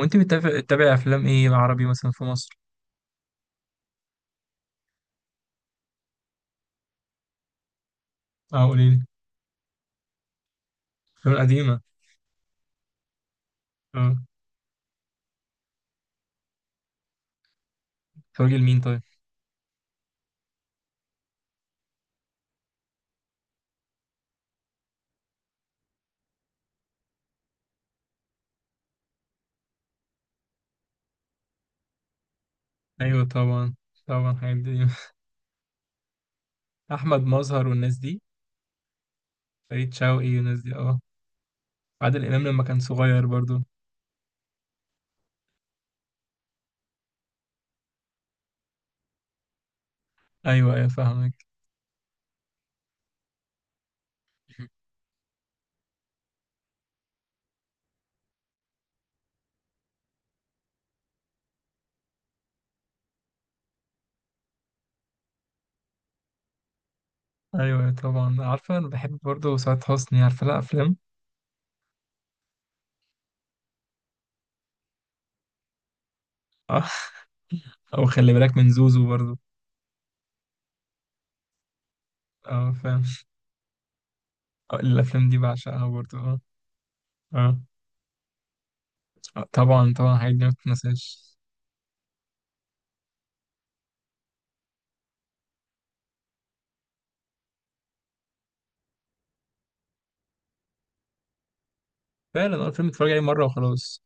وانت بتتابع افلام ايه عربي مثلا في مصر؟ اه قولي لي. الافلام القديمه؟ اه. بتتفرجي لمين طيب؟ ايوه طبعا. طبعا حاجات دي. احمد مظهر والناس دي، فريد شوقي والناس دي، اه عادل امام لما كان صغير برضو. ايوه ايوه فاهمك. ايوه أيوة طبعا، عارفه انا بحب برضو سعاد حسني، عارفه لها افلام. اه. او خلي بالك من زوزو برضو. اه فاهم. آه، الافلام دي بعشقها برضو اه. اه. آه، طبعا طبعا الحاجات دي ما بتتنساش. فعلا اه، الفيلم اتفرج عليه مره وخلاص.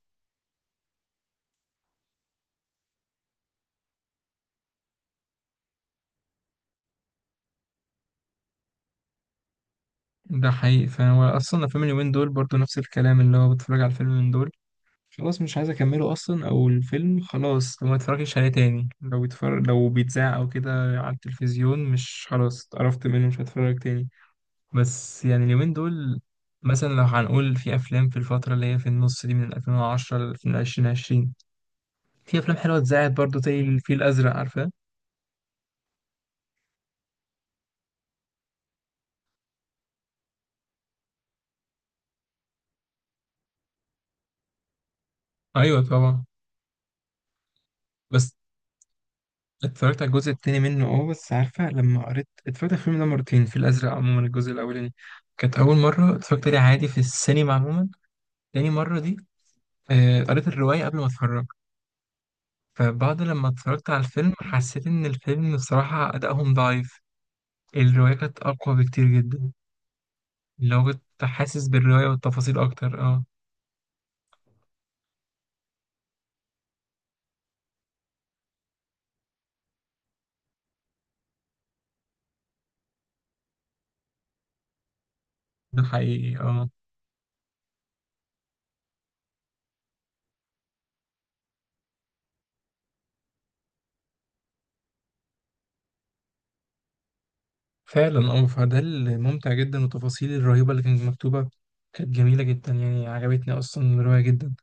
ده حقيقي، فانا اصلا الافلام اليومين دول برضو نفس الكلام، اللي هو بتفرج على الفيلم من دول خلاص مش عايز اكمله اصلا، او الفيلم خلاص لو ما اتفرجش عليه تاني، لو بيتفرج لو بيتذاع او كده على التلفزيون، مش خلاص اتقرفت منه مش هتفرج تاني. بس يعني اليومين دول مثلا، لو هنقول في افلام في الفتره اللي هي في النص دي، من 2010 ل 2020 في افلام حلوه اتذاعت برضو زي الفيل الازرق، عارفاه؟ ايوه طبعا. بس اتفرجت على الجزء التاني منه اه، بس عارفة لما قريت اتفرجت على الفيلم ده مرتين، في الأزرق عموما الجزء الأولاني كانت أول مرة اتفرجت عليه عادي في السينما عموما. تاني مرة دي آه، قريت الرواية قبل ما اتفرج، فبعد لما اتفرجت على الفيلم حسيت إن الفيلم بصراحة أدائهم ضعيف. الرواية كانت أقوى بكتير جدا. اللي هو كنت حاسس بالرواية والتفاصيل أكتر اه. ده حقيقي اه. فعلا اه، فده الممتع جدا والتفاصيل الرهيبة اللي كانت مكتوبة كانت جميلة جدا، يعني عجبتني أصلا الرواية جدا.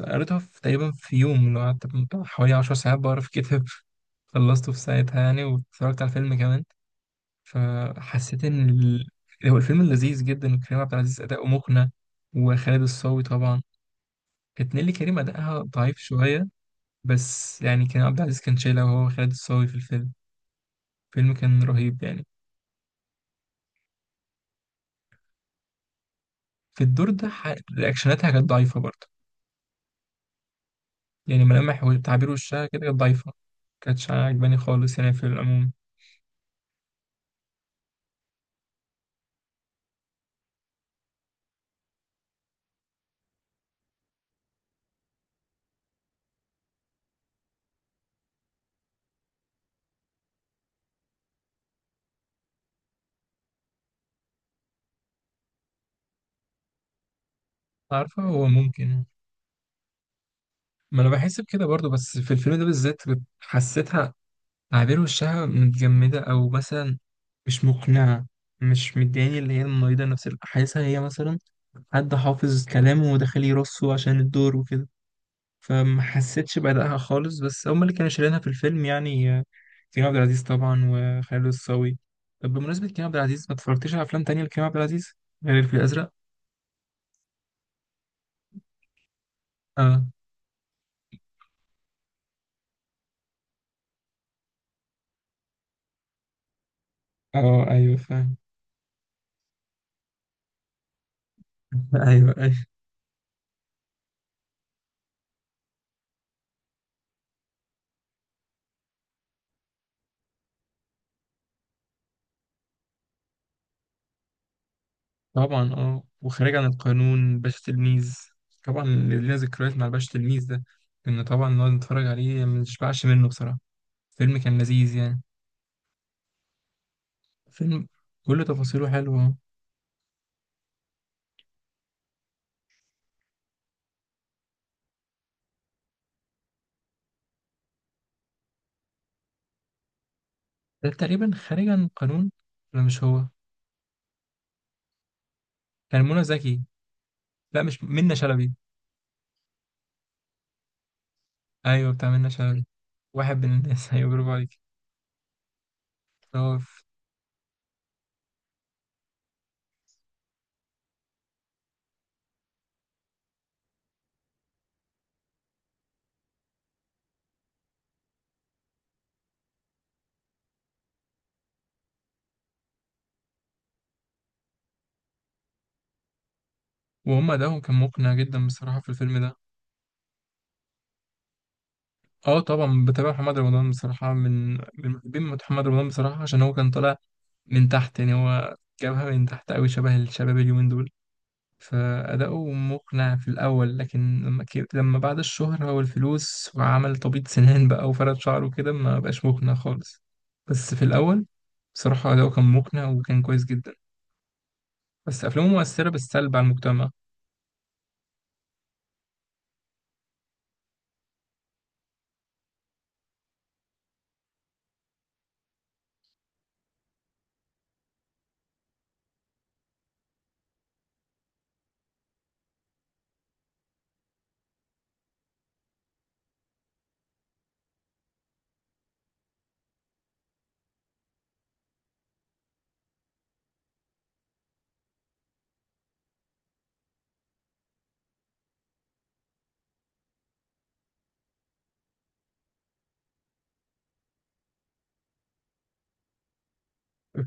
قريتها في تقريبا في يوم، اللي هو قعدت بتاع حوالي 10 ساعات بقرا في كتاب. خلصته في ساعتها يعني، واتفرجت على الفيلم كمان. فحسيت ان ال... هو الفيلم لذيذ جدا، وكريم عبد العزيز اداؤه مقنع، وخالد الصاوي طبعا. كانت نيللي كريم اداءها ضعيف شويه، بس يعني كريم عبد العزيز كان شايلها وهو خالد الصاوي في الفيلم. الفيلم كان رهيب يعني. في الدور ده رياكشناتها كانت ضعيفه برضه. يعني ملامح وتعبير وشها كده كانت ضعيفه، كانتش عاجباني خالص يعني في العموم. عارفه هو ممكن، ما انا بحس بكده برضو، بس في الفيلم ده بالذات كنت حسيتها عابر وشها متجمدة، او مثلا مش مقنعة. مش مدياني اللي هي المريضة نفس حاسسها هي مثلا حد حافظ كلامه وداخل يرصه عشان الدور وكده. فما حسيتش بأدائها خالص، بس هما اللي كانوا شايلينها في الفيلم يعني آه، كريم عبد العزيز طبعا وخالد الصاوي. طب بمناسبة كريم عبد العزيز، ما اتفرجتش على أفلام تانية لكريم عبد العزيز غير الفيل الأزرق؟ اه. اه ايوه فاهم. ايوه طبعا، اه وخارج عن القانون، باشا تلميذ، طبعا اللي لينا ذكريات مع باشا تلميذ ده. كنا طبعا نقعد نتفرج عليه ما نشبعش منه بصراحة، فيلم كان لذيذ يعني. فيلم كل تفاصيله حلوة. ده تقريبا خارج عن القانون، ولا مش هو؟ كان منى زكي. لا مش منى شلبي، ايوه بتاع منى شلبي، واحد من الناس. ايوه برافو عليك. اه. وهم ادائهم كان مقنع جدا بصراحة في الفيلم ده. اه طبعا بتابع محمد رمضان، بصراحة من محبين محمد رمضان بصراحة، عشان هو كان طالع من تحت يعني، هو جابها من تحت أوي شبه الشباب اليومين دول. فأداؤه مقنع في الأول، لكن لما لما بعد الشهرة والفلوس وعمل تبييض سنان بقى وفرد شعره كده ما بقاش مقنع خالص. بس في الأول بصراحة أداؤه كان مقنع وكان كويس جدا، بس أفلامه مؤثرة بالسلب على المجتمع.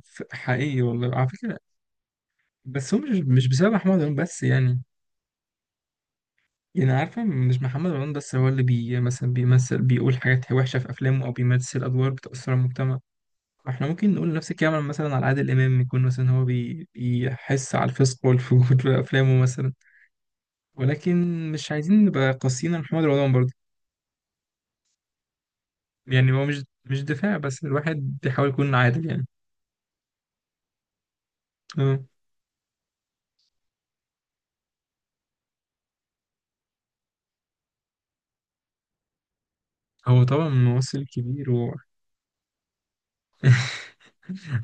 حقيقي والله على فكرة. بس هو مش بسبب محمد رمضان بس يعني. يعني عارفة مش محمد رمضان بس هو اللي بي مثلا بيمثل بيقول حاجات وحشة في أفلامه، أو بيمثل أدوار بتأثر على المجتمع. احنا ممكن نقول نفس الكلام مثلا على عادل امام، يكون مثلا هو بيحس على الفسق والفجور في افلامه مثلا، ولكن مش عايزين نبقى قاسيين على محمد رمضان برضه. يعني هو مش دفاع، بس الواحد بيحاول يكون عادل يعني. آه. هو طبعا ممثل كبير و...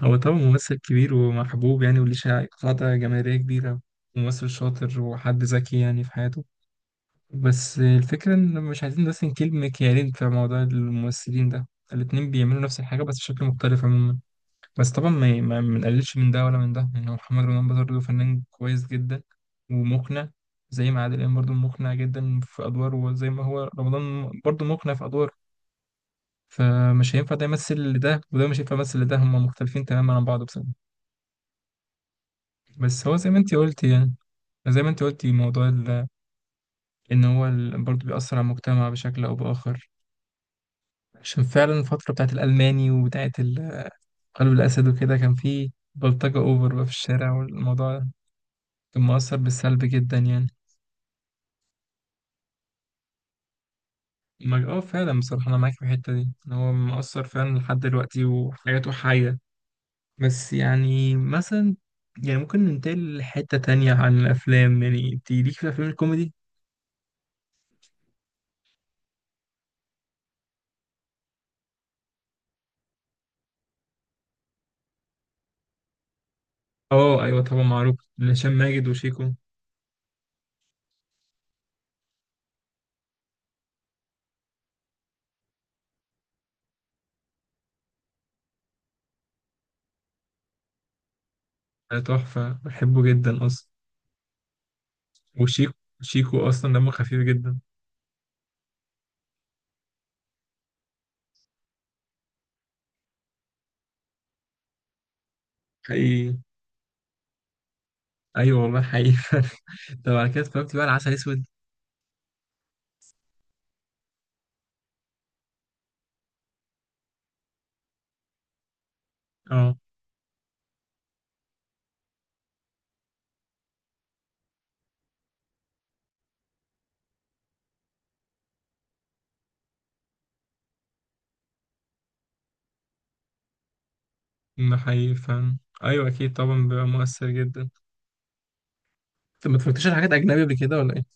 هو طبعا ممثل كبير ومحبوب يعني، وليه قاعدة جماهيرية كبيرة، ممثل شاطر وحد ذكي يعني في حياته. بس الفكرة ان مش عايزين نرسم كلمة كيانين في موضوع الممثلين ده. الاتنين بيعملوا نفس الحاجة بس بشكل مختلف عموما. بس طبعا ما بنقللش من ده ولا من ده يعني، هو محمد رمضان برضه فنان كويس جدا ومقنع، زي ما عادل امام برضه مقنع جدا في ادواره، وزي ما هو رمضان برضه مقنع في ادواره. فمش هينفع ده يمثل لده، وده مش هينفع يمثل لده، هما مختلفين تماما عن بعض بصراحة. بس هو زي ما انت قلت يعني، زي ما انت قلتي موضوع ان هو برضه بيأثر على المجتمع بشكل او بآخر. عشان فعلا الفترة بتاعت الألماني وبتاعت قلب الأسد وكده، كان فيه بلطجة أوفر بقى في الشارع، والموضوع كان مؤثر بالسلب جدا يعني. ما اه فعلا بصراحة أنا معاك في الحتة دي، إن هو مؤثر فعلا لحد دلوقتي وحياته حية. بس يعني مثلا، يعني ممكن ننتقل لحتة تانية عن الأفلام. يعني أنت ليك في الأفلام الكوميدي؟ اه أيوة طبعا، معروف هشام ماجد وشيكو. ده تحفة بحبه جدا أصلا، وشيكو، شيكو أصلا دمه خفيف جدا. حقيقي. أيوة والله حقيقي. طب على كده اتفرجت بقى على عسل أسود؟ اه. ده حقيقي فعلا. أيوة أكيد طبعا بيبقى مؤثر جدا. طب ما اتفرجتش على حاجات أجنبي قبل كده ولا إيه؟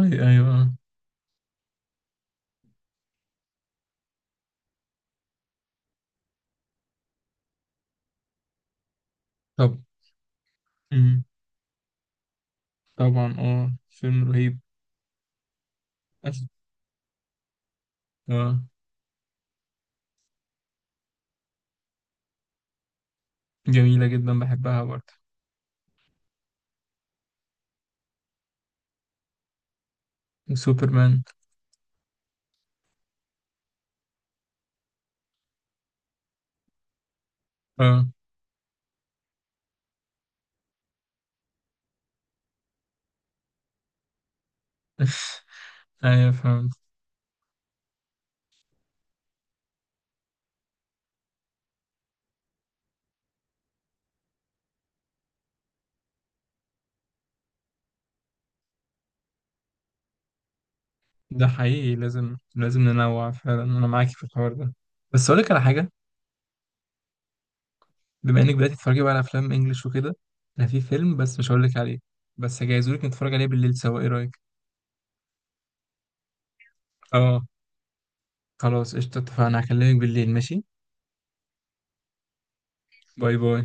أيوة. طب. مم. طبعا اه فيلم رهيب. أس- اه جميلة جدا بحبها برضه. وسوبرمان. اه. ايوه فهمت. ده حقيقي، لازم ننوع فعلا، انا معاكي في الحوار ده. بس اقول لك على حاجة، بما انك بدأت تتفرجي بقى على افلام انجلش وكده، انا في فيلم بس مش هقول لك عليه، بس هجهزهولك نتفرج عليه بالليل سوا، ايه رأيك؟ اه. خلاص قشطة اتفقنا، هكلمك بالليل ماشي. باي باي.